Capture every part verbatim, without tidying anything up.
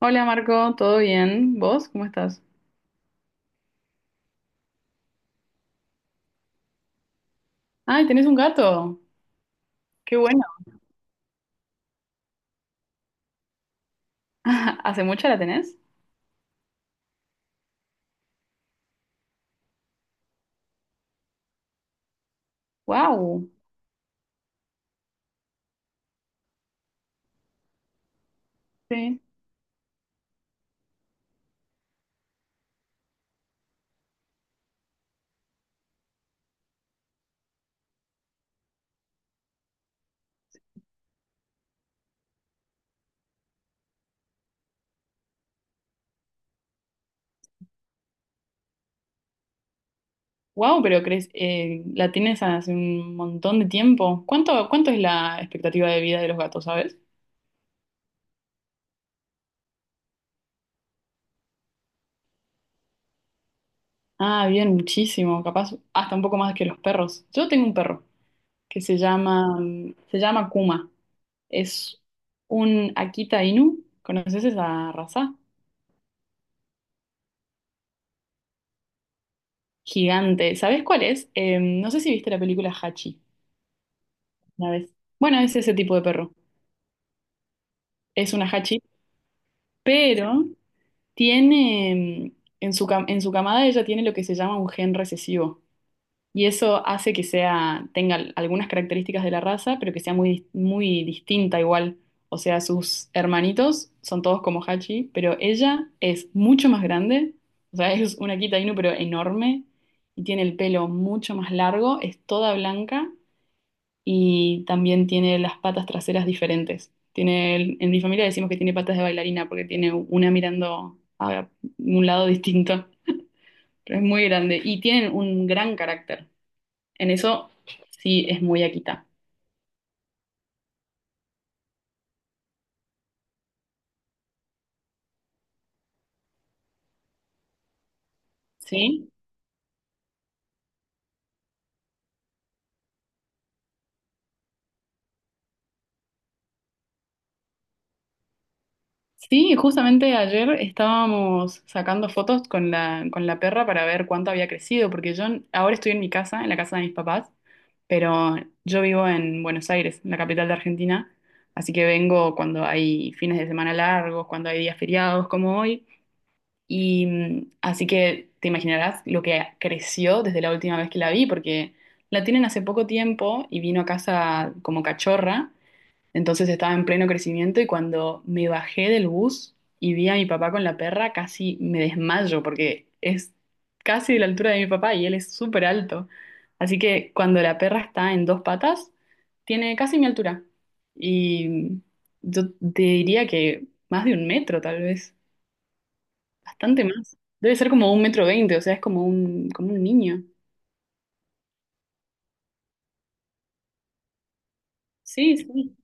Hola Marco, ¿todo bien? ¿Vos? ¿Cómo estás? Ay, tenés un gato. Qué bueno. ¿Hace mucho la tenés? Wow. Sí. Wow, pero crees, eh, la tienes hace un montón de tiempo. ¿Cuánto, cuánto es la expectativa de vida de los gatos, sabes? Ah, bien, muchísimo, capaz hasta un poco más que los perros. Yo tengo un perro que se llama, se llama Kuma. Es un Akita Inu. ¿Conoces esa raza? Gigante. ¿Sabes cuál es? Em, no sé si viste la película Hachi. Una vez. Bueno, es ese tipo de perro. Es una hachi, pero tiene mm, en su cam- en su camada ella tiene lo que se llama un gen recesivo y eso hace que sea tenga al- algunas características de la raza, pero que sea muy dis- muy distinta igual. O sea, sus hermanitos son todos como hachi, pero ella es mucho más grande, o sea, es una Kita Inu pero enorme y tiene el pelo mucho más largo, es toda blanca y también tiene las patas traseras diferentes. Tiene, el- en mi familia decimos que tiene patas de bailarina porque tiene una mirando a un lado distinto, pero es muy grande y tienen un gran carácter. En eso sí es muy Akita. ¿Sí? Sí, justamente ayer estábamos sacando fotos con la, con la perra para ver cuánto había crecido, porque yo ahora estoy en mi casa, en la casa de mis papás, pero yo vivo en Buenos Aires, en la capital de Argentina, así que vengo cuando hay fines de semana largos, cuando hay días feriados como hoy, y mm, así que te imaginarás lo que creció desde la última vez que la vi, porque la tienen hace poco tiempo y vino a casa como cachorra. Entonces estaba en pleno crecimiento y cuando me bajé del bus y vi a mi papá con la perra, casi me desmayo porque es casi de la altura de mi papá y él es súper alto. Así que cuando la perra está en dos patas, tiene casi mi altura. Y yo te diría que más de un metro, tal vez, bastante más. Debe ser como un metro veinte, o sea, es como un, como un niño. Sí, sí.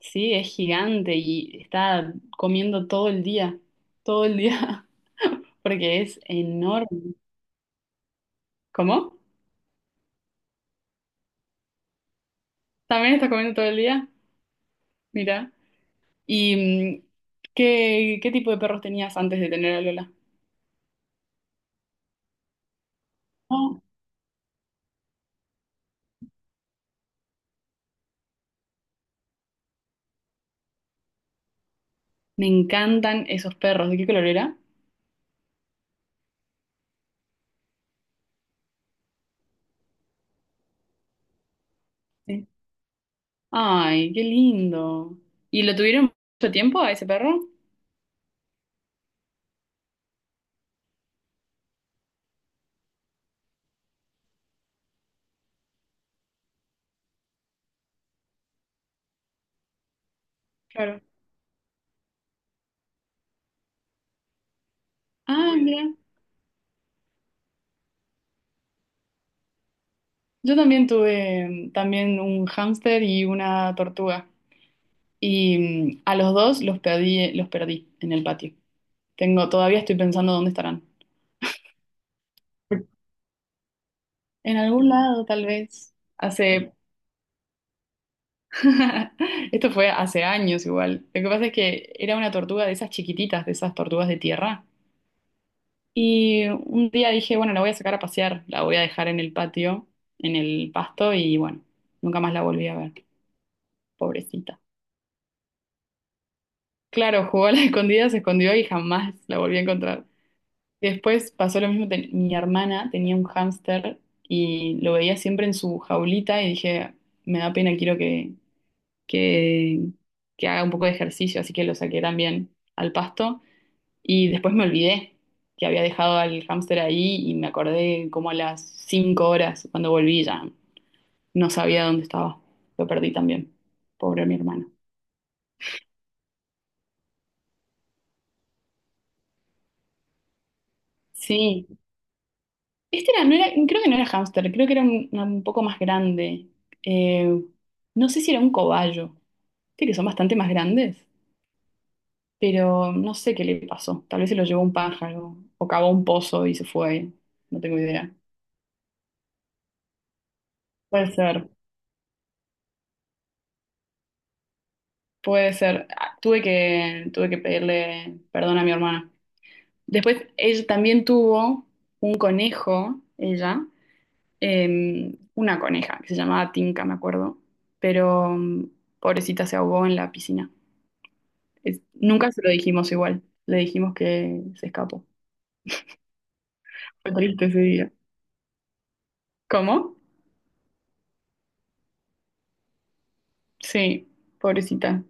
Sí, es gigante y está comiendo todo el día, todo el día, porque es enorme. ¿Cómo? ¿También estás comiendo todo el día? Mira. ¿Y mm, qué, qué tipo de perros tenías antes de tener a Lola? Oh, me encantan esos perros. ¿De qué color era? Sí. Ay, qué lindo. ¿Y lo tuvieron mucho tiempo a ese perro? Claro. Ah, mira. Yo también tuve mm, también un hámster y una tortuga. Y mm, a los dos los perdí, los perdí en el patio. Tengo, todavía estoy pensando dónde estarán. En algún lado, tal vez. Hace. Esto fue hace años igual. Lo que pasa es que era una tortuga de esas chiquititas, de esas tortugas de tierra. Y un día dije, bueno, la voy a sacar a pasear, la voy a dejar en el patio, en el pasto, y bueno, nunca más la volví a ver. Pobrecita. Claro, jugó a la escondida, se escondió y jamás la volví a encontrar. Después pasó lo mismo, ten- mi hermana tenía un hámster y lo veía siempre en su jaulita y dije, me da pena, quiero que que, que haga un poco de ejercicio, así que lo saqué también al pasto. Y después me olvidé que había dejado al hámster ahí y me acordé como a las cinco horas cuando volví ya no sabía dónde estaba. Lo perdí también. Pobre mi hermano. Sí, este era, no era, creo que no era hámster, creo que era un, un poco más grande. Eh, no sé si era un cobayo, viste que son bastante más grandes, pero no sé qué le pasó. Tal vez se lo llevó un pájaro o cavó un pozo y se fue, no tengo idea. Puede ser, puede ser. Ah, tuve que, tuve que pedirle perdón a mi hermana. Después, ella también tuvo un conejo, ella, eh, una coneja que se llamaba Tinka, me acuerdo, pero mm, pobrecita se ahogó en la piscina. Es- nunca se lo dijimos igual, le dijimos que se escapó. Fue triste ese día. ¿Cómo? Sí, pobrecita.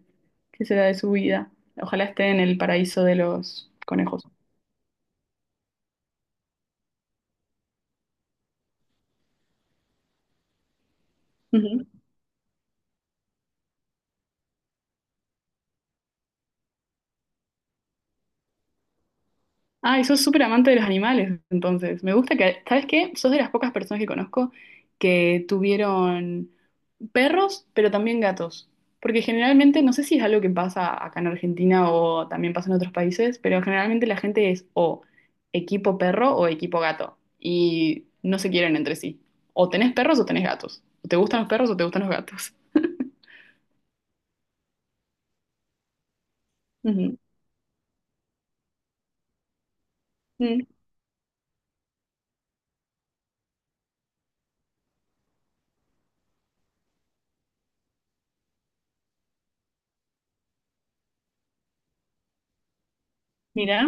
¿Qué será de su vida? Ojalá esté en el paraíso de los conejos. Ay, sos súper amante de los animales, entonces. Me gusta que, ¿sabes qué? Sos de las pocas personas que conozco que tuvieron perros, pero también gatos. Porque generalmente, no sé si es algo que pasa acá en Argentina o también pasa en otros países, pero generalmente la gente es o equipo perro o equipo gato. Y no se quieren entre sí. O tenés perros o tenés gatos. O te gustan los perros o te gustan los gatos. Ujú. Mm. Mirá.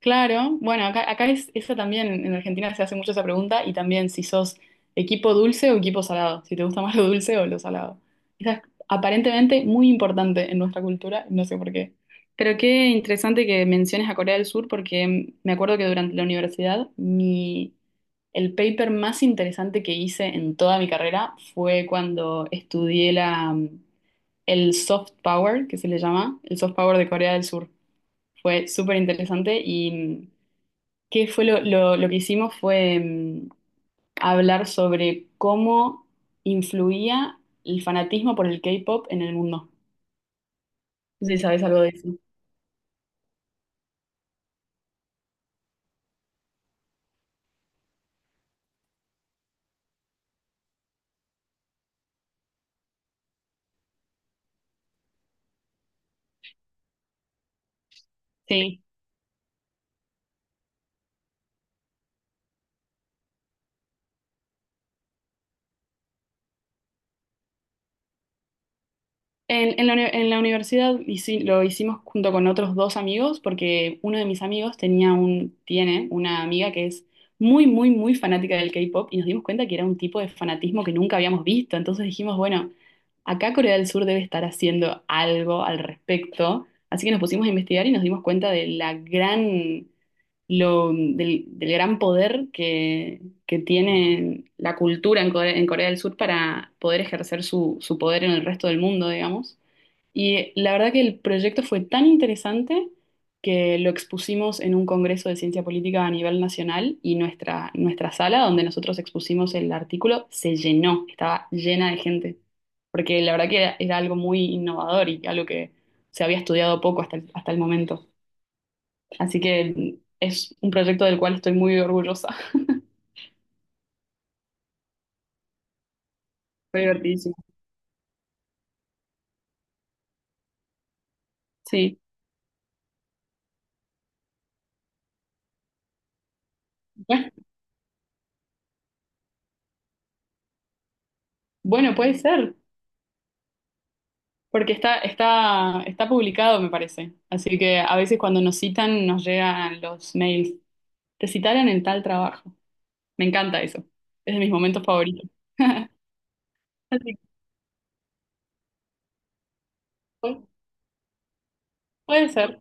Claro, bueno, acá, acá es eso también, en Argentina se hace mucho esa pregunta y también si sos equipo dulce o equipo salado, si te gusta más lo dulce o lo salado. Esa es aparentemente muy importante en nuestra cultura, no sé por qué. Pero qué interesante que menciones a Corea del Sur porque mm, me acuerdo que durante la universidad mi, el paper más interesante que hice en toda mi carrera fue cuando estudié la, mm, el soft power, que se le llama, el soft power de Corea del Sur. Fue súper interesante y... mm, ¿qué fue lo, lo- lo que hicimos fue mm, hablar sobre cómo influía el fanatismo por el K-pop en el mundo? No sé si sabes algo de eso. Sí. En, en la, uni- en la universidad hici- lo hicimos junto con otros dos amigos porque uno de mis amigos tenía un, tiene una amiga que es muy, muy, muy fanática del K-pop y nos dimos cuenta que era un tipo de fanatismo que nunca habíamos visto. Entonces dijimos, bueno, acá Corea del Sur debe estar haciendo algo al respecto. Así que nos pusimos a investigar y nos dimos cuenta de la gran, lo, del, del gran poder que que tienen la cultura en Core- en Corea del Sur para poder ejercer su, su poder en el resto del mundo, digamos. Y la verdad que el proyecto fue tan interesante que lo expusimos en un congreso de ciencia política a nivel nacional y nuestra, nuestra sala donde nosotros expusimos el artículo se llenó, estaba llena de gente, porque la verdad que era, era algo muy innovador y algo que se había estudiado poco hasta el- hasta el momento. Así que es un proyecto del cual estoy muy orgullosa. Fue divertidísimo. Sí. Bueno, puede ser, porque está, está, está publicado, me parece. Así que a veces cuando nos citan nos llegan los mails. Te citaron en tal trabajo. Me encanta eso. Es de mis momentos favoritos. Así que pu- puede ser.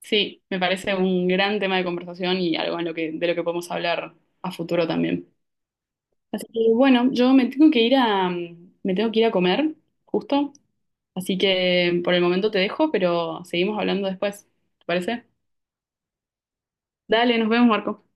Sí, me parece un gran tema de conversación y algo en lo que, de lo que podemos hablar a futuro también. Así que bueno, yo me tengo que ir a, me tengo que ir a comer, justo. Así que por el momento te dejo, pero seguimos hablando después. ¿Te parece? Dale, nos vemos, Marco.